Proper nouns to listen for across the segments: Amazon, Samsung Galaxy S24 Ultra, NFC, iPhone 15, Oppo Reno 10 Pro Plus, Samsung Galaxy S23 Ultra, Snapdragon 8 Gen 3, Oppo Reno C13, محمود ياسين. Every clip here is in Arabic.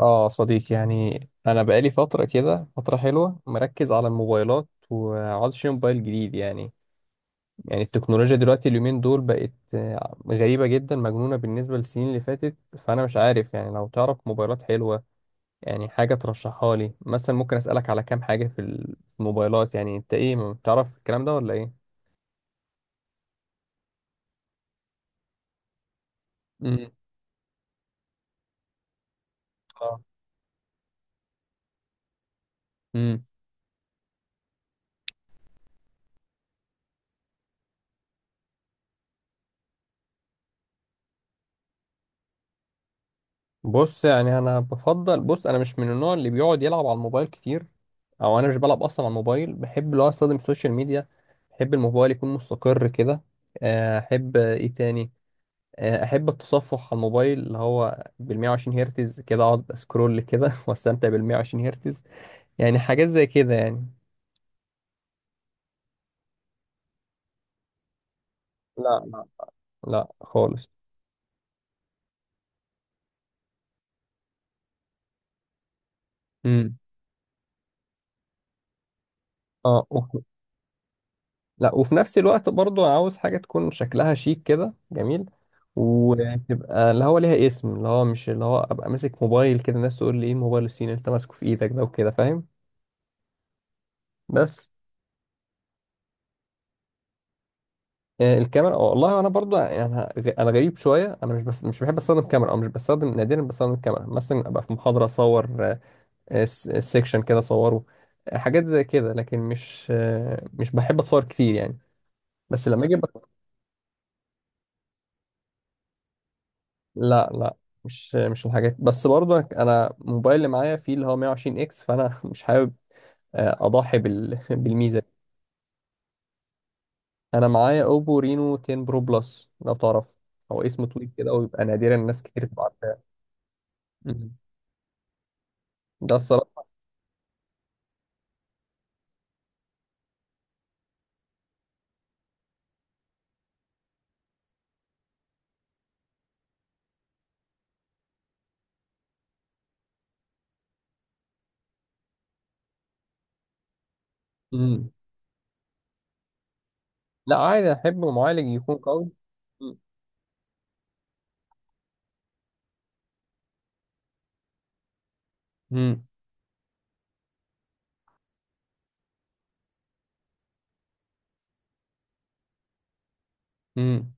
اه صديقي، يعني انا بقالي فتره كده، فتره حلوه مركز على الموبايلات وعاوز اشتري موبايل جديد يعني التكنولوجيا دلوقتي اليومين دول بقت غريبه جدا، مجنونه بالنسبه للسنين اللي فاتت. فانا مش عارف، يعني لو تعرف موبايلات حلوه يعني حاجه ترشحها لي مثلا. ممكن اسالك على كام حاجه في الموبايلات؟ يعني انت ايه، ما بتعرف الكلام ده ولا ايه؟ امم اه، بص يعني انا بفضل، بص، انا مش من النوع اللي بيقعد يلعب على الموبايل كتير، او انا مش بلعب اصلا على الموبايل. بحب لو استخدم السوشيال ميديا. بحب الموبايل يكون مستقر كده. احب ايه تاني؟ احب التصفح على الموبايل اللي هو بال 120 هرتز، كده اقعد اسكرول كده واستمتع بال 120 هرتز، يعني حاجات زي كده يعني. لا، لا. لا خالص. امم اه. لا، وفي نفس الوقت برضو انا عاوز حاجة تكون شكلها شيك كده، جميل. مم. وتبقى اللي هو ليها اسم، اللي هو مش اللي هو ابقى ماسك موبايل كده الناس تقول لي ايه الموبايل الصيني اللي انت ماسكه في ايدك ده وكده، فاهم. بس الكاميرا، والله انا برضو يعني انا أنا غريب شويه. انا مش بحب استخدم كاميرا، او مش بستخدم، نادرا بستخدم الكاميرا. مثلا ابقى في محاضره اصور، سيكشن كده اصوره. حاجات زي كده لكن مش بحب اتصور كتير يعني. بس لما اجي، لا لا. مش الحاجات. بس برضه انا الموبايل اللي معايا فيه اللي هو 120 اكس، فانا مش حابب اضحي بالميزه دي. انا معايا اوبو رينو 10 برو بلس، لو تعرف. هو اسمه طويل كده ويبقى نادرا الناس كتير تبقى عارفاه. مم. ده الصراحه. مم. لا، عادي، احب معالج يكون قوي. مم. مم. مم.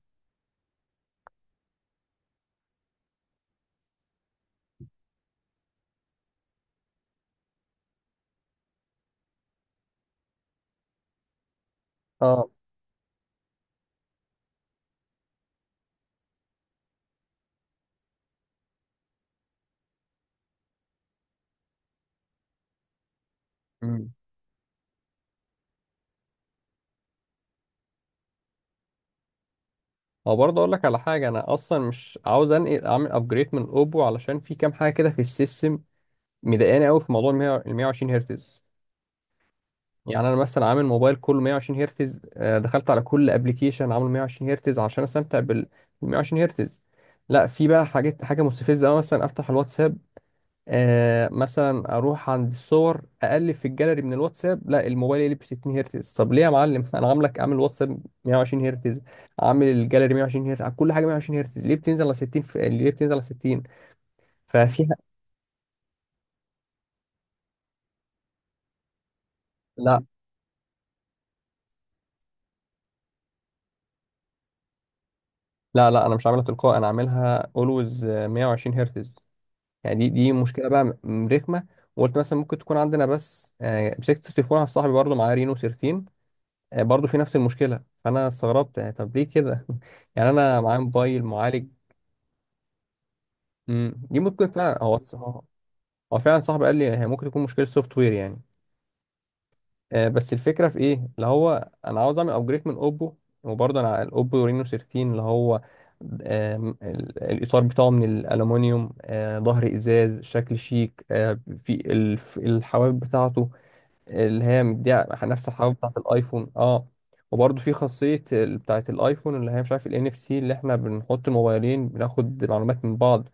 اه. مم. هو برضه اقول لك على حاجه، انا اصلا مش عاوز انقل اعمل ابجريد من اوبو علشان في كام حاجه كده في السيستم مضايقاني قوي، في موضوع ال 120 هرتز. يعني انا مثلا عامل موبايل كله 120 هرتز، دخلت على كل ابلكيشن عامله 120 هرتز عشان استمتع بال 120 هرتز. لا، في بقى حاجات، حاجه مستفزه أوي. مثلا افتح الواتساب، آه مثلا اروح عند الصور اقلب في الجاليري من الواتساب، لا الموبايل يقلب 60 هرتز. طب ليه يا معلم؟ انا عاملك عامل واتساب 120 هرتز، عامل الجاليري 120 هرتز، كل حاجه 120 هرتز، ليه بتنزل على 60 ليه بتنزل على 60؟ ففيها، لا لا، لا انا مش عاملها تلقائي، انا عاملها اولويز 120 هرتز. يعني دي مشكله بقى، رخمه. وقلت مثلا ممكن تكون عندنا بس مسكت التليفون على صاحبي برضه معاه رينو سيرتين، برضه في نفس المشكله. فانا استغربت يعني، طب ليه كده؟ يعني انا معايا موبايل معالج. مم، دي ممكن فعلا. هو هو فعلا صاحبي قال لي هي ممكن تكون مشكله سوفت وير يعني. بس الفكره في ايه، اللي هو انا عاوز اعمل ابجريد من اوبو. وبرضه انا الاوبو رينو 13 اللي هو، الإطار بتاعه من الألومنيوم، ظهر إزاز، شكل شيك، في الحواف بتاعته اللي هي مديها نفس الحلاوه بتاعت الايفون. اه. وبرضه في خاصيه بتاعت الايفون اللي هي، مش عارف، الان اف سي، اللي احنا بنحط الموبايلين بناخد معلومات من بعض.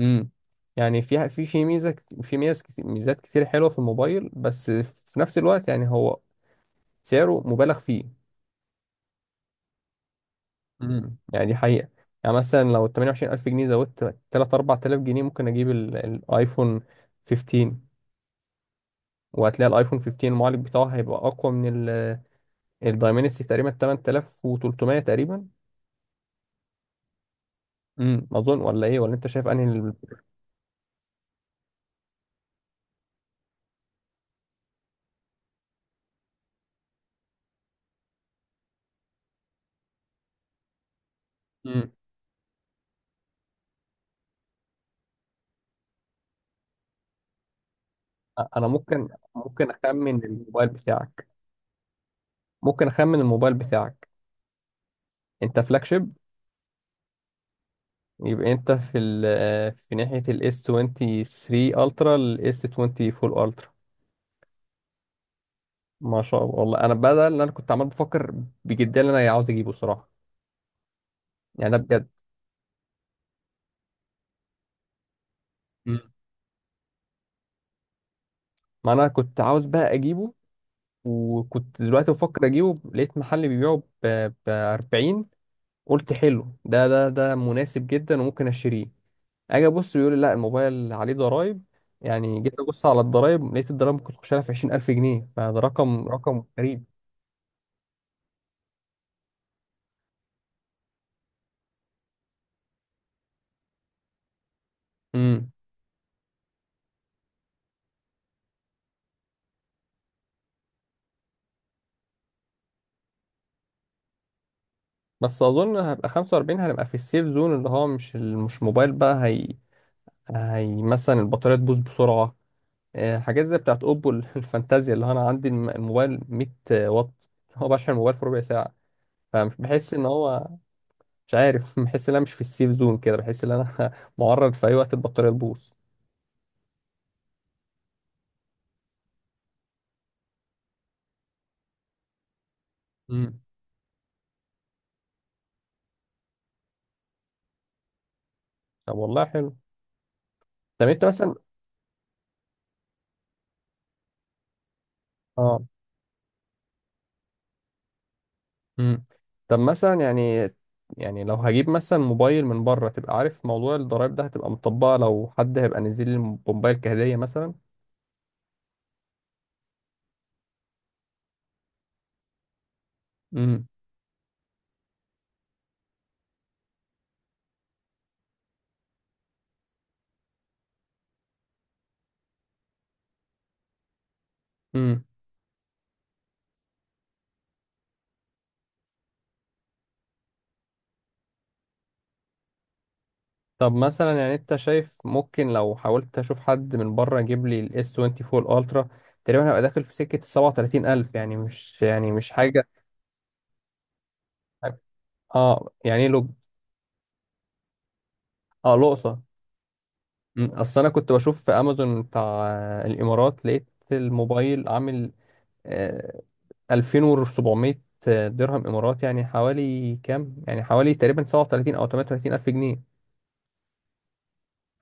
امم. يعني فيها، ميزات كتير حلوه في الموبايل، بس في نفس الوقت يعني هو سعره مبالغ فيه. امم، يعني دي حقيقه. يعني مثلا لو 28000 جنيه زودت 3 4000 جنيه ممكن اجيب الايفون 15. وهتلاقي الايفون 15 المعالج بتاعه هيبقى اقوى من الدايمنسي تقريبا 8300 تقريبا. امم، اظن، ولا ايه؟ ولا انت شايف انهي امم، انا ممكن، ممكن اخمن الموبايل بتاعك، ممكن اخمن الموبايل بتاعك؟ انت فلاج شيب. يبقى انت في ال في ناحية الاس 23 الترا، الاس 24 الترا. ما شاء الله، والله انا بدل اللي انا كنت عمال بفكر بجدية اللي انا عاوز اجيبه صراحة. يعني ده بجد. امم. ما انا كنت عاوز بقى اجيبه، وكنت دلوقتي بفكر اجيبه لقيت محل بيبيعه ب 40. قلت حلو، ده ده مناسب جدا وممكن اشتريه. اجي ابص بيقول لي لا الموبايل عليه ضرايب. يعني جيت ابص على الضرايب لقيت الضرايب ممكن تخش لها في 20000 جنيه. فده رقم غريب. امم. بس اظن هبقى 45، هنبقى في السيف زون اللي هو مش موبايل بقى. هي مثلا البطاريه تبوظ بسرعه. حاجات زي بتاعت اوبو. الفانتازيا اللي هو انا عندي الموبايل 100 واط، هو بشحن الموبايل في ربع ساعه. فمش بحس ان هو، مش عارف، بحس ان انا مش في السيف زون كده، بحس ان انا معرض في اي وقت البطاريه تبوظ. امم. طب والله حلو. طب انت مثلا، اه. امم. طب مثلا يعني لو هجيب مثلا موبايل من بره تبقى عارف موضوع الضرايب ده هتبقى مطبقه، لو حد هيبقى نزل لي موبايل كهديه مثلا. امم. امم. طب مثلا يعني، انت شايف ممكن لو حاولت اشوف حد من بره يجيب لي الاس 24 الترا تقريبا هبقى داخل في سكه 37000، يعني مش، يعني مش حاجه. اه. يعني ايه لو. اه، لقطه. مم. اصل انا كنت بشوف في امازون بتاع الامارات، لقيت الموبايل عامل آه، 2700 درهم امارات، يعني حوالي كام، يعني حوالي تقريبا 37 او 38 الف جنيه.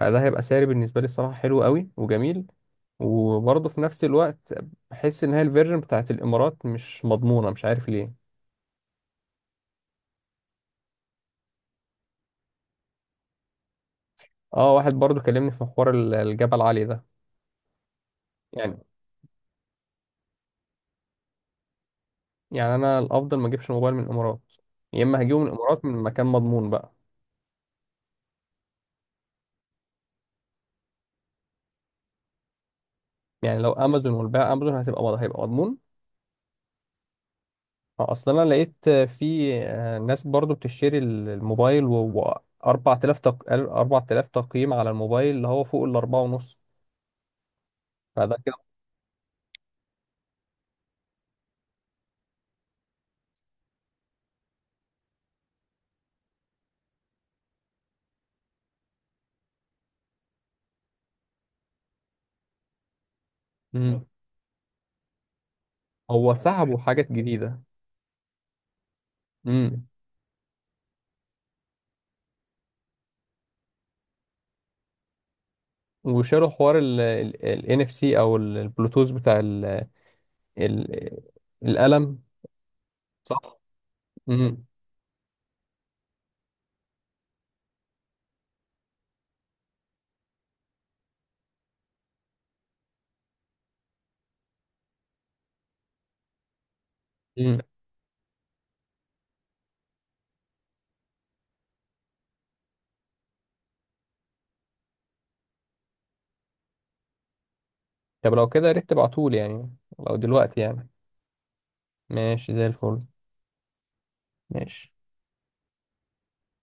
فده هيبقى سعر بالنسبه لي الصراحه حلو قوي وجميل. وبرضه في نفس الوقت بحس ان هي الفيرجن بتاعت الامارات مش مضمونه، مش عارف ليه. اه، واحد برضه كلمني في محور الجبل العالي ده. يعني يعني انا الافضل ما اجيبش موبايل من الامارات، يا اما هجيبه من الامارات من مكان مضمون بقى. يعني لو امازون والبيع امازون هتبقى هيبقى مضمون. اصل انا لقيت في ناس برضو بتشتري الموبايل و 4000 تقييم على الموبايل اللي هو فوق الأربعة ونص. فده كده. مم. هو سحبوا حاجات جديدة. امم. وشالوا حوار ال ان اف سي او البلوتوث بتاع ال القلم. صح. امم. امم. طب لو كده يا ريت تبعتولي يعني، لو دلوقتي يعني. ماشي، زي الفل. ماشي.